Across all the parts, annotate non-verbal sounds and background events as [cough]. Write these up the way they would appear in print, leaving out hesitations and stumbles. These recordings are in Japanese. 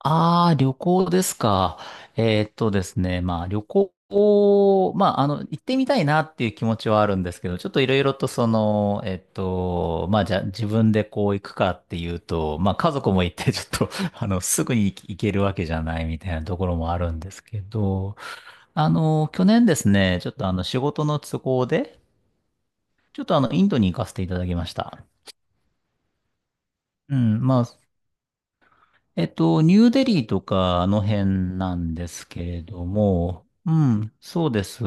ああ、旅行ですか。ですね、まあ旅行を、まああの、行ってみたいなっていう気持ちはあるんですけど、ちょっといろいろとその、まあじゃあ自分でこう行くかっていうと、まあ家族も行ってちょっと、[laughs] あの、すぐに行けるわけじゃないみたいなところもあるんですけど、あの、去年ですね、ちょっとあの仕事の都合で、ちょっとあの、インドに行かせていただきました。うん、まあ、ニューデリーとかあの辺なんですけれども、うん、そうです。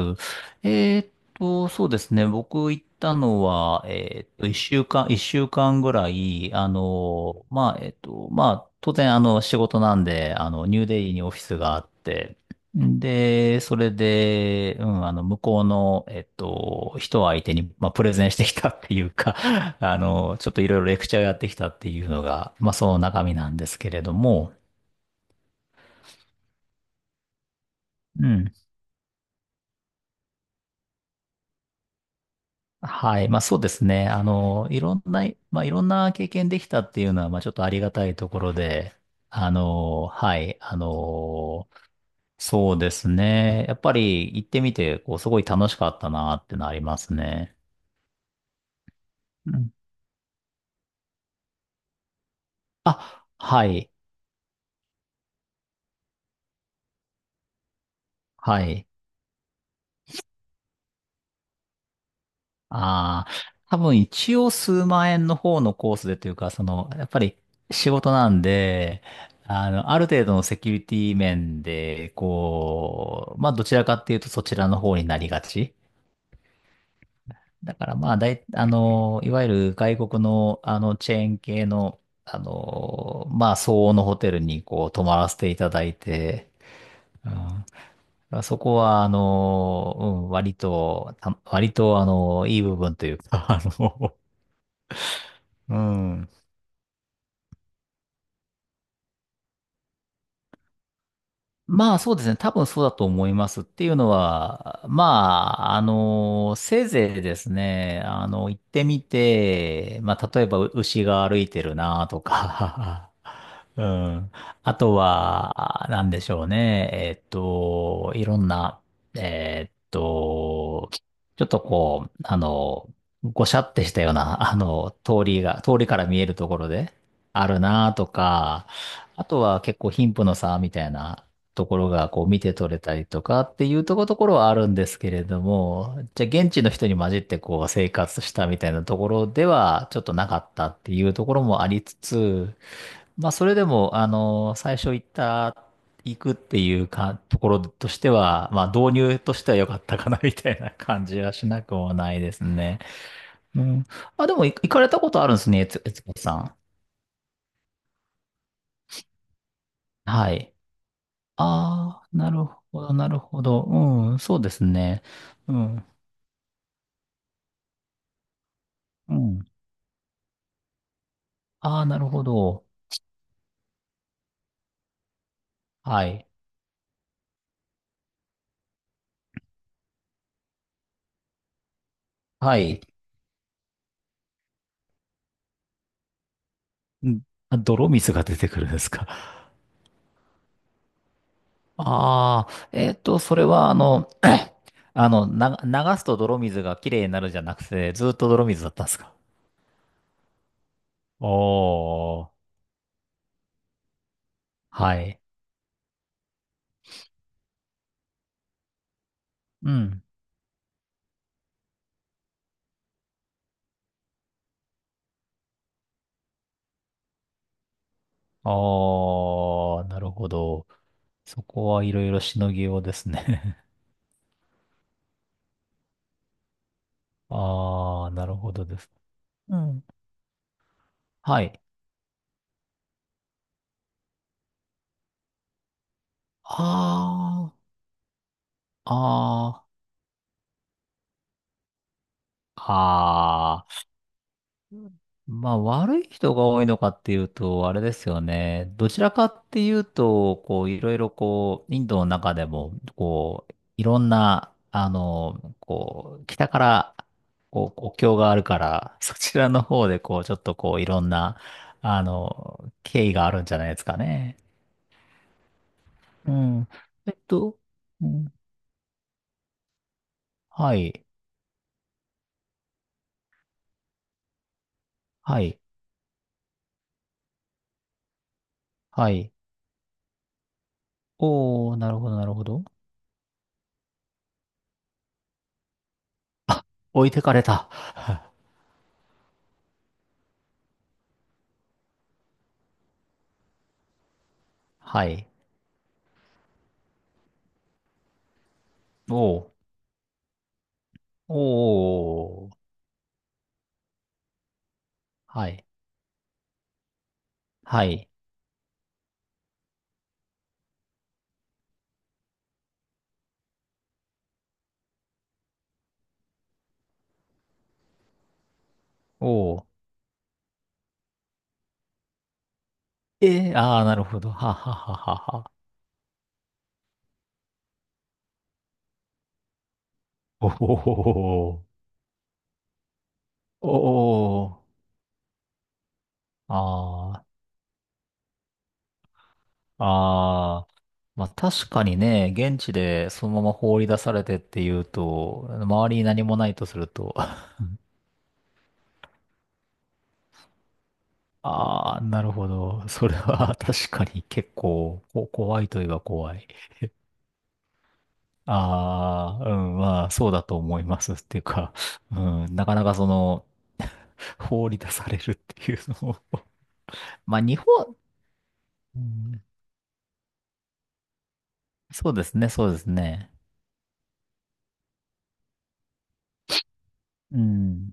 えっそうですね。僕行ったのは、一週間、一週間ぐらい、あの、まあ、まあ、当然、あの、仕事なんで、あの、ニューデリーにオフィスがあって、で、それで、うん、あの、向こうの、人相手に、まあ、プレゼンしてきたっていうか、あの、ちょっといろいろレクチャーをやってきたっていうのが、まあその中身なんですけれども、うん。はい。まあそうですね。あの、いろんな、まあいろんな経験できたっていうのは、まあちょっとありがたいところで、あの、はい。あの、そうですね。やっぱり行ってみて、こう、すごい楽しかったなってのはありますね。うん。あ、はい。はい。ああ、多分一応数万円の方のコースでというか、その、やっぱり仕事なんで、あの、ある程度のセキュリティ面で、こう、まあ、どちらかっていうとそちらの方になりがち。だからまあ、あの、いわゆる外国の、あの、チェーン系の、あの、まあ、相応のホテルに、こう、泊まらせていただいて、うん、まあそこは、あの、うん、割と、あの、いい部分というか、[laughs] あの、うん。まあそうですね。多分そうだと思いますっていうのは、まあ、あの、せいぜいですね、あの、行ってみて、まあ例えば牛が歩いてるなとか、[laughs] うん。あとは、なんでしょうね。いろんな、えっと、ちょっとこう、あの、ごしゃってしたような、[laughs] あの、通りから見えるところであるなとか、あとは結構貧富の差みたいなところがこう見て取れたりとかっていうところはあるんですけれども、じゃあ現地の人に混じってこう生活したみたいなところではちょっとなかったっていうところもありつつ、まあそれでもあの、最初行った、行くっていうか、ところとしては、まあ導入としては良かったかなみたいな感じはしなくもないですね。うん。あ、でも行かれたことあるんですね、悦子さん。はい。ああ、なるほど、なるほど。うん、そうですね。うん。うん。ああ、なるほど。はい。はい。ん泥水が出てくるんですか。ああ、それは、あの、[clears throat] [coughs] あの、流すと泥水がきれいになるじゃなくて、ずっと泥水だったんですか。おー、はい。うん。ああ、なるほど。そこはいろいろしのぎようですね。[laughs] ああ、なるほどです。うん。はい。ああ、ああ、ああ。まあ、悪い人が多いのかっていうと、あれですよね。どちらかっていうと、こう、いろいろこう、インドの中でも、こう、いろんな、あの、こう、北から、こう、国境があるから、[laughs] そちらの方で、こう、ちょっとこう、いろんな、あの、経緯があるんじゃないですかね。うん。えっと、うん、はい、はい、はい。おー、なるほど、なるほど。置いてかれた。はい。おー。おーおーはい。はい。おお。えー、ああ、なるほど。ははははは。おお。おお。ああ。ああ。まあ確かにね、現地でそのまま放り出されてっていうと、周りに何もないとすると、[laughs] ああ、なるほど。それは [laughs] 確かに結構怖いといえば怖い。ああ、うん、まあそうだと思いますっていうか、うん、なかなかその、[laughs] 放り出されるっていうのをまあ、日本、うん、そうですね、そうですね。うん。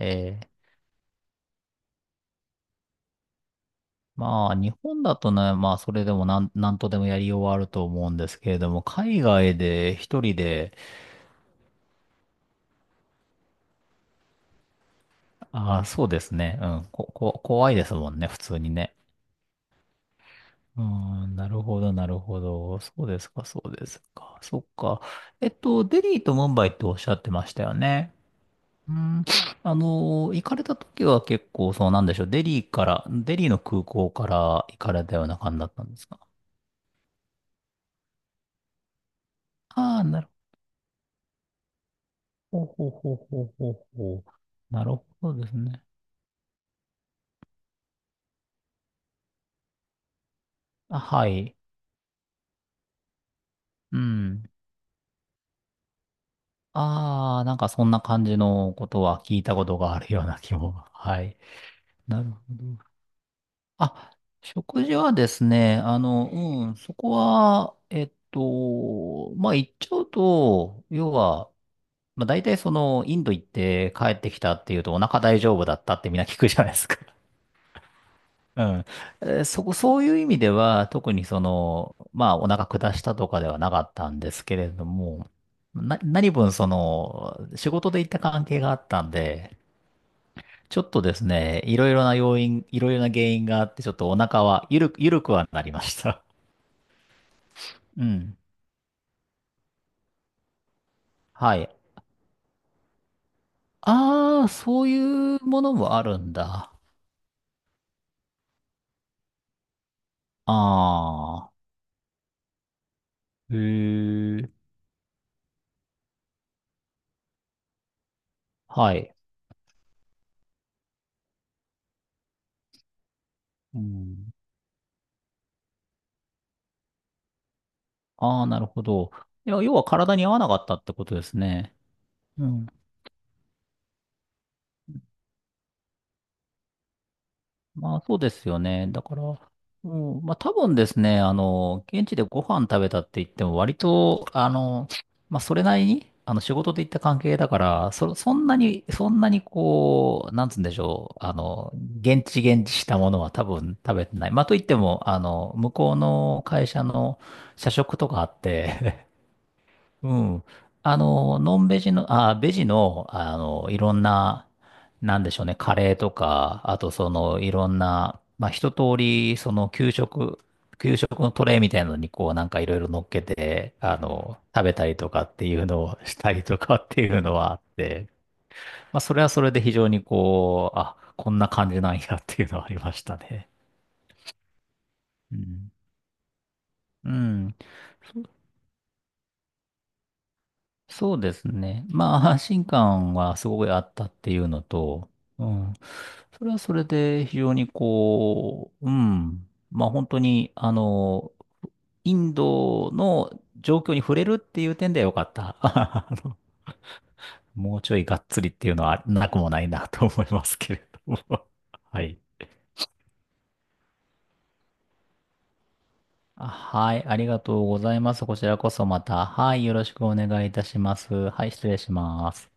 えーまあ、日本だとね、まあ、それでもなんとでもやりようはあると思うんですけれども、海外で一人で、ああ、そうですね。うん。怖いですもんね、普通にね。うん、なるほど、なるほど。そうですか、そうですか。そっか。デリーとムンバイっておっしゃってましたよね。うん、あの、行かれた時は結構、そうなんでしょう。デリーから、デリーの空港から行かれたような感じだったんですか。ああなるほど。ほうほうほうほうほうほう。なるほどですね。あ、はい。うん。ああ、なんかそんな感じのことは聞いたことがあるような気も。[laughs] はい。なるほど。あ、食事はですね、あの、うん、そこは、まあ、言っちゃうと、要は、まあ、大体その、インド行って帰ってきたっていうとお腹大丈夫だったってみんな聞くじゃないですか。[laughs] うん。そこ、そういう意味では、特にその、まあ、お腹下したとかではなかったんですけれども、何分その、仕事で行った関係があったんで、ちょっとですね、いろいろな要因、いろいろな原因があって、ちょっとお腹は、ゆるく、ゆるくはなりました。[laughs] うん。はい。ああ、そういうものもあるんだ。ああ、へえ。はい。うん。ああ、なるほど。いや、要は体に合わなかったってことですね。うん。まあ、そうですよね。だから、うん、まあ、多分ですね、あの、現地でご飯食べたって言っても、割と、あの、まあ、それなりに、あの、仕事で行った関係だから、そんなに、そんなにこう、なんつうんでしょう、あの、現地現地したものは多分食べてない。まあ、といっても、あの、向こうの会社の社食とかあって、うん。あの、ノンベジの、あ、ベジの、あの、いろんな、なんでしょうね、カレーとか、あとその、いろんな、まあ、一通り、その、給食、給食のトレイみたいなのに、こう、なんかいろいろ乗っけて、あの、食べたりとかっていうのをしたりとかっていうのはあって、まあ、それはそれで非常にこう、あ、こんな感じなんやっていうのはありましたね。うん。うん。そうですね。まあ、[laughs] 安心感はすごいあったっていうのと、うん。それはそれで非常にこう、うん。まあ、本当に、あの、インドの状況に触れるっていう点ではよかった。[laughs] あのもうちょいがっつりっていうのはなくもないなと思いますけれども。[laughs] はい。あはい、ありがとうございます。こちらこそまた、はい、よろしくお願いいたします。はい、失礼します。